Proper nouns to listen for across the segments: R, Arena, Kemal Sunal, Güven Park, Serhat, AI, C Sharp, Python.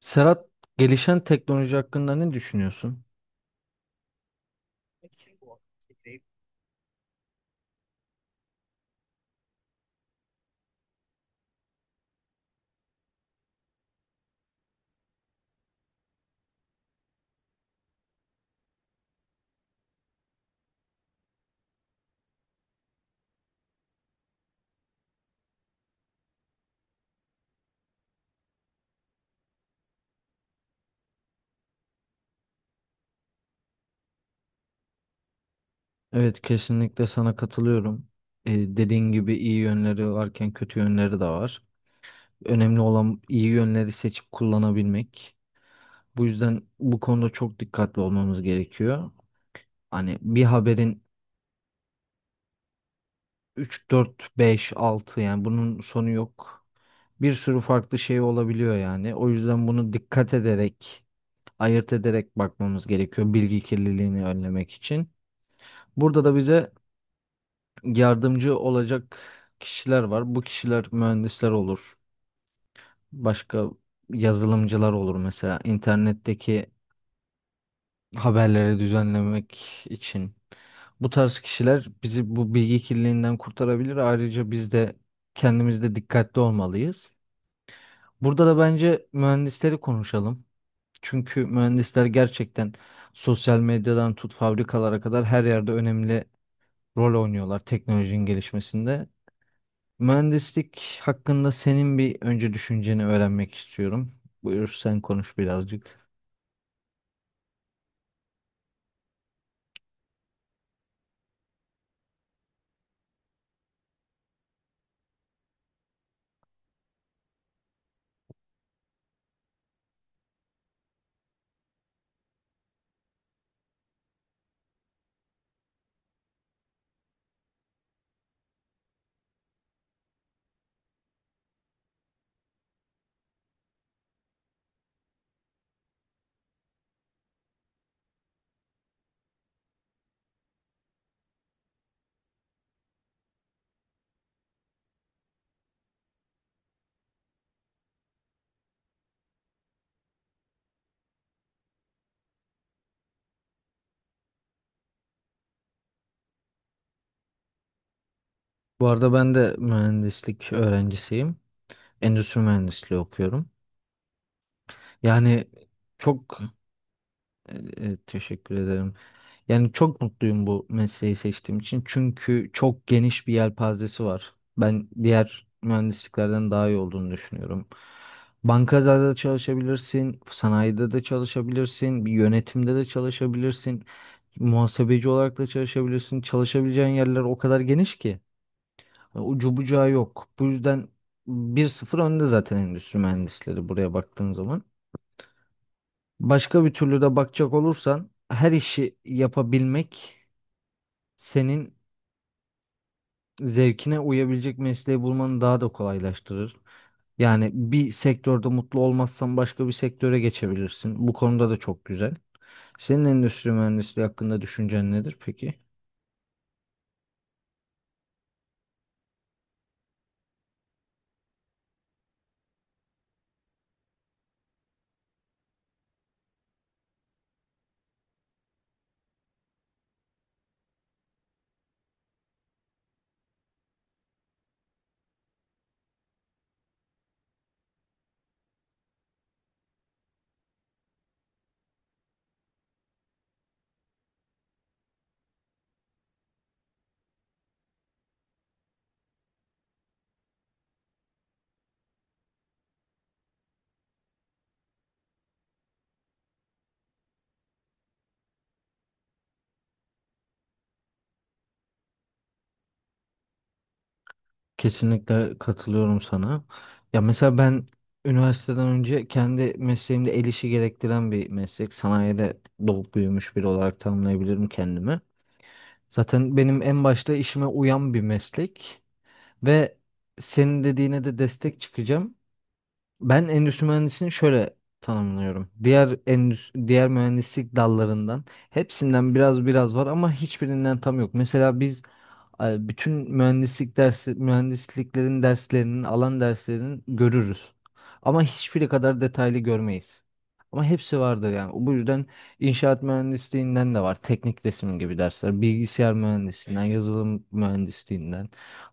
Serhat, gelişen teknoloji hakkında ne düşünüyorsun? Evet, kesinlikle sana katılıyorum. Dediğin gibi iyi yönleri varken kötü yönleri de var. Önemli olan iyi yönleri seçip kullanabilmek. Bu yüzden bu konuda çok dikkatli olmamız gerekiyor. Hani bir haberin 3 4 5 6 yani bunun sonu yok. Bir sürü farklı şey olabiliyor yani. O yüzden bunu dikkat ederek, ayırt ederek bakmamız gerekiyor bilgi kirliliğini önlemek için. Burada da bize yardımcı olacak kişiler var. Bu kişiler mühendisler olur. Başka yazılımcılar olur mesela internetteki haberleri düzenlemek için. Bu tarz kişiler bizi bu bilgi kirliliğinden kurtarabilir. Ayrıca biz de kendimizde dikkatli olmalıyız. Burada da bence mühendisleri konuşalım. Çünkü mühendisler gerçekten sosyal medyadan tut fabrikalara kadar her yerde önemli rol oynuyorlar teknolojinin gelişmesinde. Mühendislik hakkında senin bir önce düşünceni öğrenmek istiyorum. Buyur sen konuş birazcık. Bu arada ben de mühendislik öğrencisiyim. Endüstri mühendisliği okuyorum. Yani çok teşekkür ederim. Yani çok mutluyum bu mesleği seçtiğim için. Çünkü çok geniş bir yelpazesi var. Ben diğer mühendisliklerden daha iyi olduğunu düşünüyorum. Bankada da çalışabilirsin, sanayide de çalışabilirsin, bir yönetimde de çalışabilirsin. Muhasebeci olarak da çalışabilirsin. Çalışabileceğin yerler o kadar geniş ki. Hani ucu bucağı yok. Bu yüzden bir sıfır önde zaten endüstri mühendisleri buraya baktığın zaman. Başka bir türlü de bakacak olursan her işi yapabilmek senin zevkine uyabilecek mesleği bulmanı daha da kolaylaştırır. Yani bir sektörde mutlu olmazsan başka bir sektöre geçebilirsin. Bu konuda da çok güzel. Senin endüstri mühendisliği hakkında düşüncen nedir peki? Kesinlikle katılıyorum sana. Ya mesela ben üniversiteden önce kendi mesleğimde el işi gerektiren bir meslek. Sanayide doğup büyümüş biri olarak tanımlayabilirim kendimi. Zaten benim en başta işime uyan bir meslek ve senin dediğine de destek çıkacağım. Ben endüstri mühendisliğini şöyle tanımlıyorum. Diğer endüstri, diğer mühendislik dallarından hepsinden biraz biraz var ama hiçbirinden tam yok. Mesela biz bütün mühendislik dersi, mühendisliklerin derslerinin, alan derslerinin görürüz. Ama hiçbiri kadar detaylı görmeyiz. Ama hepsi vardır yani. Bu yüzden inşaat mühendisliğinden de var. Teknik resim gibi dersler. Bilgisayar mühendisliğinden, yazılım mühendisliğinden,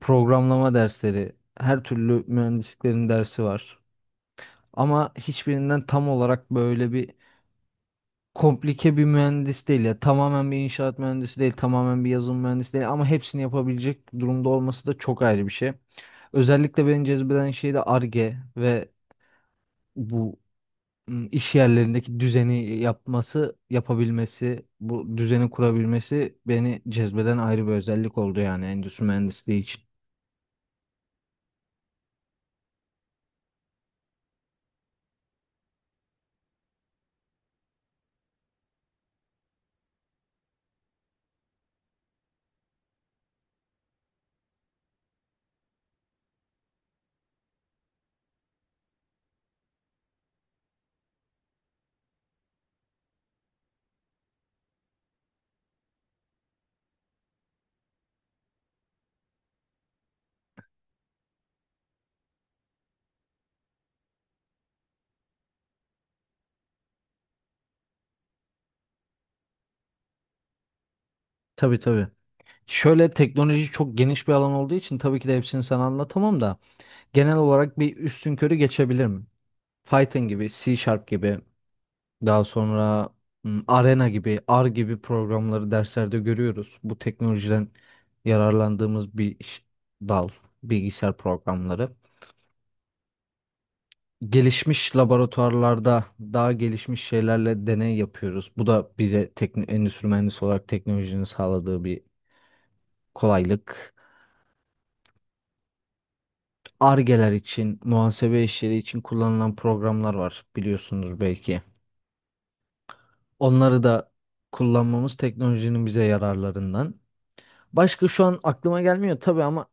programlama dersleri, her türlü mühendisliklerin dersi var. Ama hiçbirinden tam olarak böyle bir komplike bir mühendis değil ya. Tamamen bir inşaat mühendisi değil, tamamen bir yazılım mühendisi değil ama hepsini yapabilecek durumda olması da çok ayrı bir şey. Özellikle beni cezbeden şey de Ar-Ge ve bu iş yerlerindeki düzeni yapması, yapabilmesi, bu düzeni kurabilmesi beni cezbeden ayrı bir özellik oldu yani endüstri mühendisliği için. Tabii, tabii. Şöyle teknoloji çok geniş bir alan olduğu için tabii ki de hepsini sana anlatamam da. Genel olarak bir üstünkörü geçebilirim. Python gibi, C Sharp gibi, daha sonra Arena gibi, R gibi programları derslerde görüyoruz. Bu teknolojiden yararlandığımız bir dal, bilgisayar programları. Gelişmiş laboratuvarlarda daha gelişmiş şeylerle deney yapıyoruz. Bu da bize endüstri mühendisi olarak teknolojinin sağladığı bir kolaylık. Argeler için, muhasebe işleri için kullanılan programlar var biliyorsunuz belki. Onları da kullanmamız teknolojinin bize yararlarından. Başka şu an aklıma gelmiyor tabii ama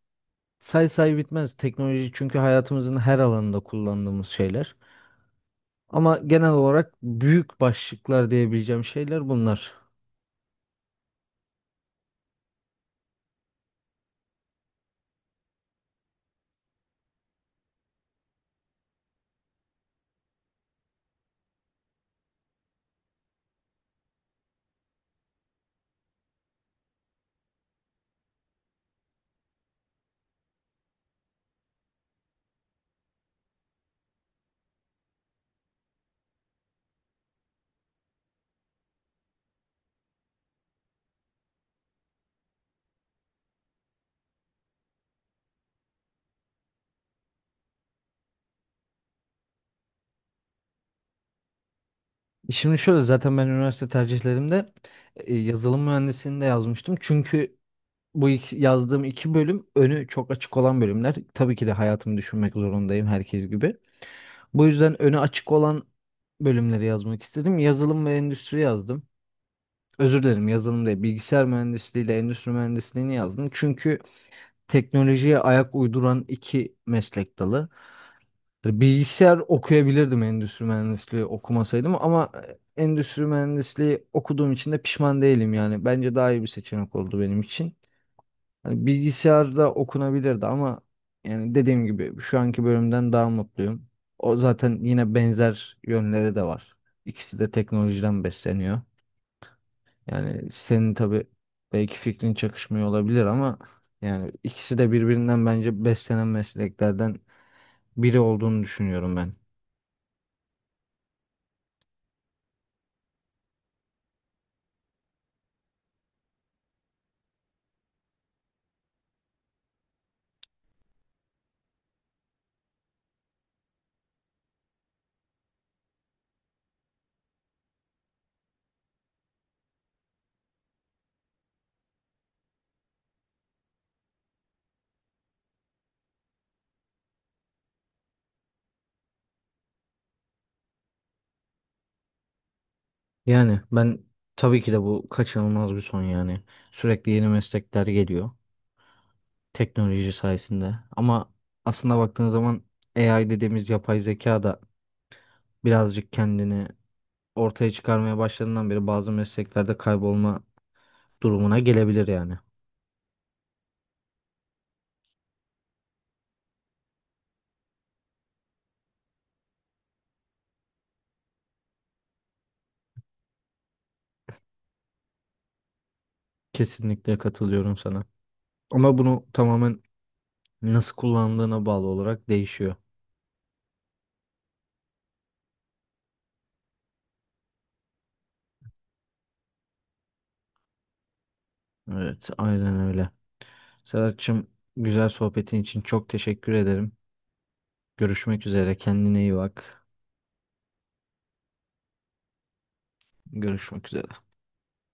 say say bitmez teknoloji çünkü hayatımızın her alanında kullandığımız şeyler. Ama genel olarak büyük başlıklar diyebileceğim şeyler bunlar. Şimdi şöyle zaten ben üniversite tercihlerimde yazılım mühendisliğini de yazmıştım. Çünkü bu yazdığım iki bölüm önü çok açık olan bölümler. Tabii ki de hayatımı düşünmek zorundayım herkes gibi. Bu yüzden öne açık olan bölümleri yazmak istedim. Yazılım ve endüstri yazdım. Özür dilerim, yazılım değil. Bilgisayar mühendisliği ile endüstri mühendisliğini yazdım. Çünkü teknolojiye ayak uyduran iki meslek dalı. Hani bilgisayar okuyabilirdim endüstri mühendisliği okumasaydım ama endüstri mühendisliği okuduğum için de pişman değilim yani. Bence daha iyi bir seçenek oldu benim için. Hani bilgisayarda okunabilirdi ama yani dediğim gibi şu anki bölümden daha mutluyum. O zaten yine benzer yönleri de var. İkisi de teknolojiden besleniyor. Yani senin tabii belki fikrin çakışmıyor olabilir ama yani ikisi de birbirinden bence beslenen mesleklerden biri olduğunu düşünüyorum ben. Yani ben tabii ki de bu kaçınılmaz bir son yani. Sürekli yeni meslekler geliyor teknoloji sayesinde. Ama aslında baktığın zaman AI dediğimiz yapay zeka da birazcık kendini ortaya çıkarmaya başladığından beri bazı mesleklerde kaybolma durumuna gelebilir yani. Kesinlikle katılıyorum sana. Ama bunu tamamen nasıl kullandığına bağlı olarak değişiyor. Evet, aynen öyle. Serhat'cığım, güzel sohbetin için çok teşekkür ederim. Görüşmek üzere. Kendine iyi bak. Görüşmek üzere.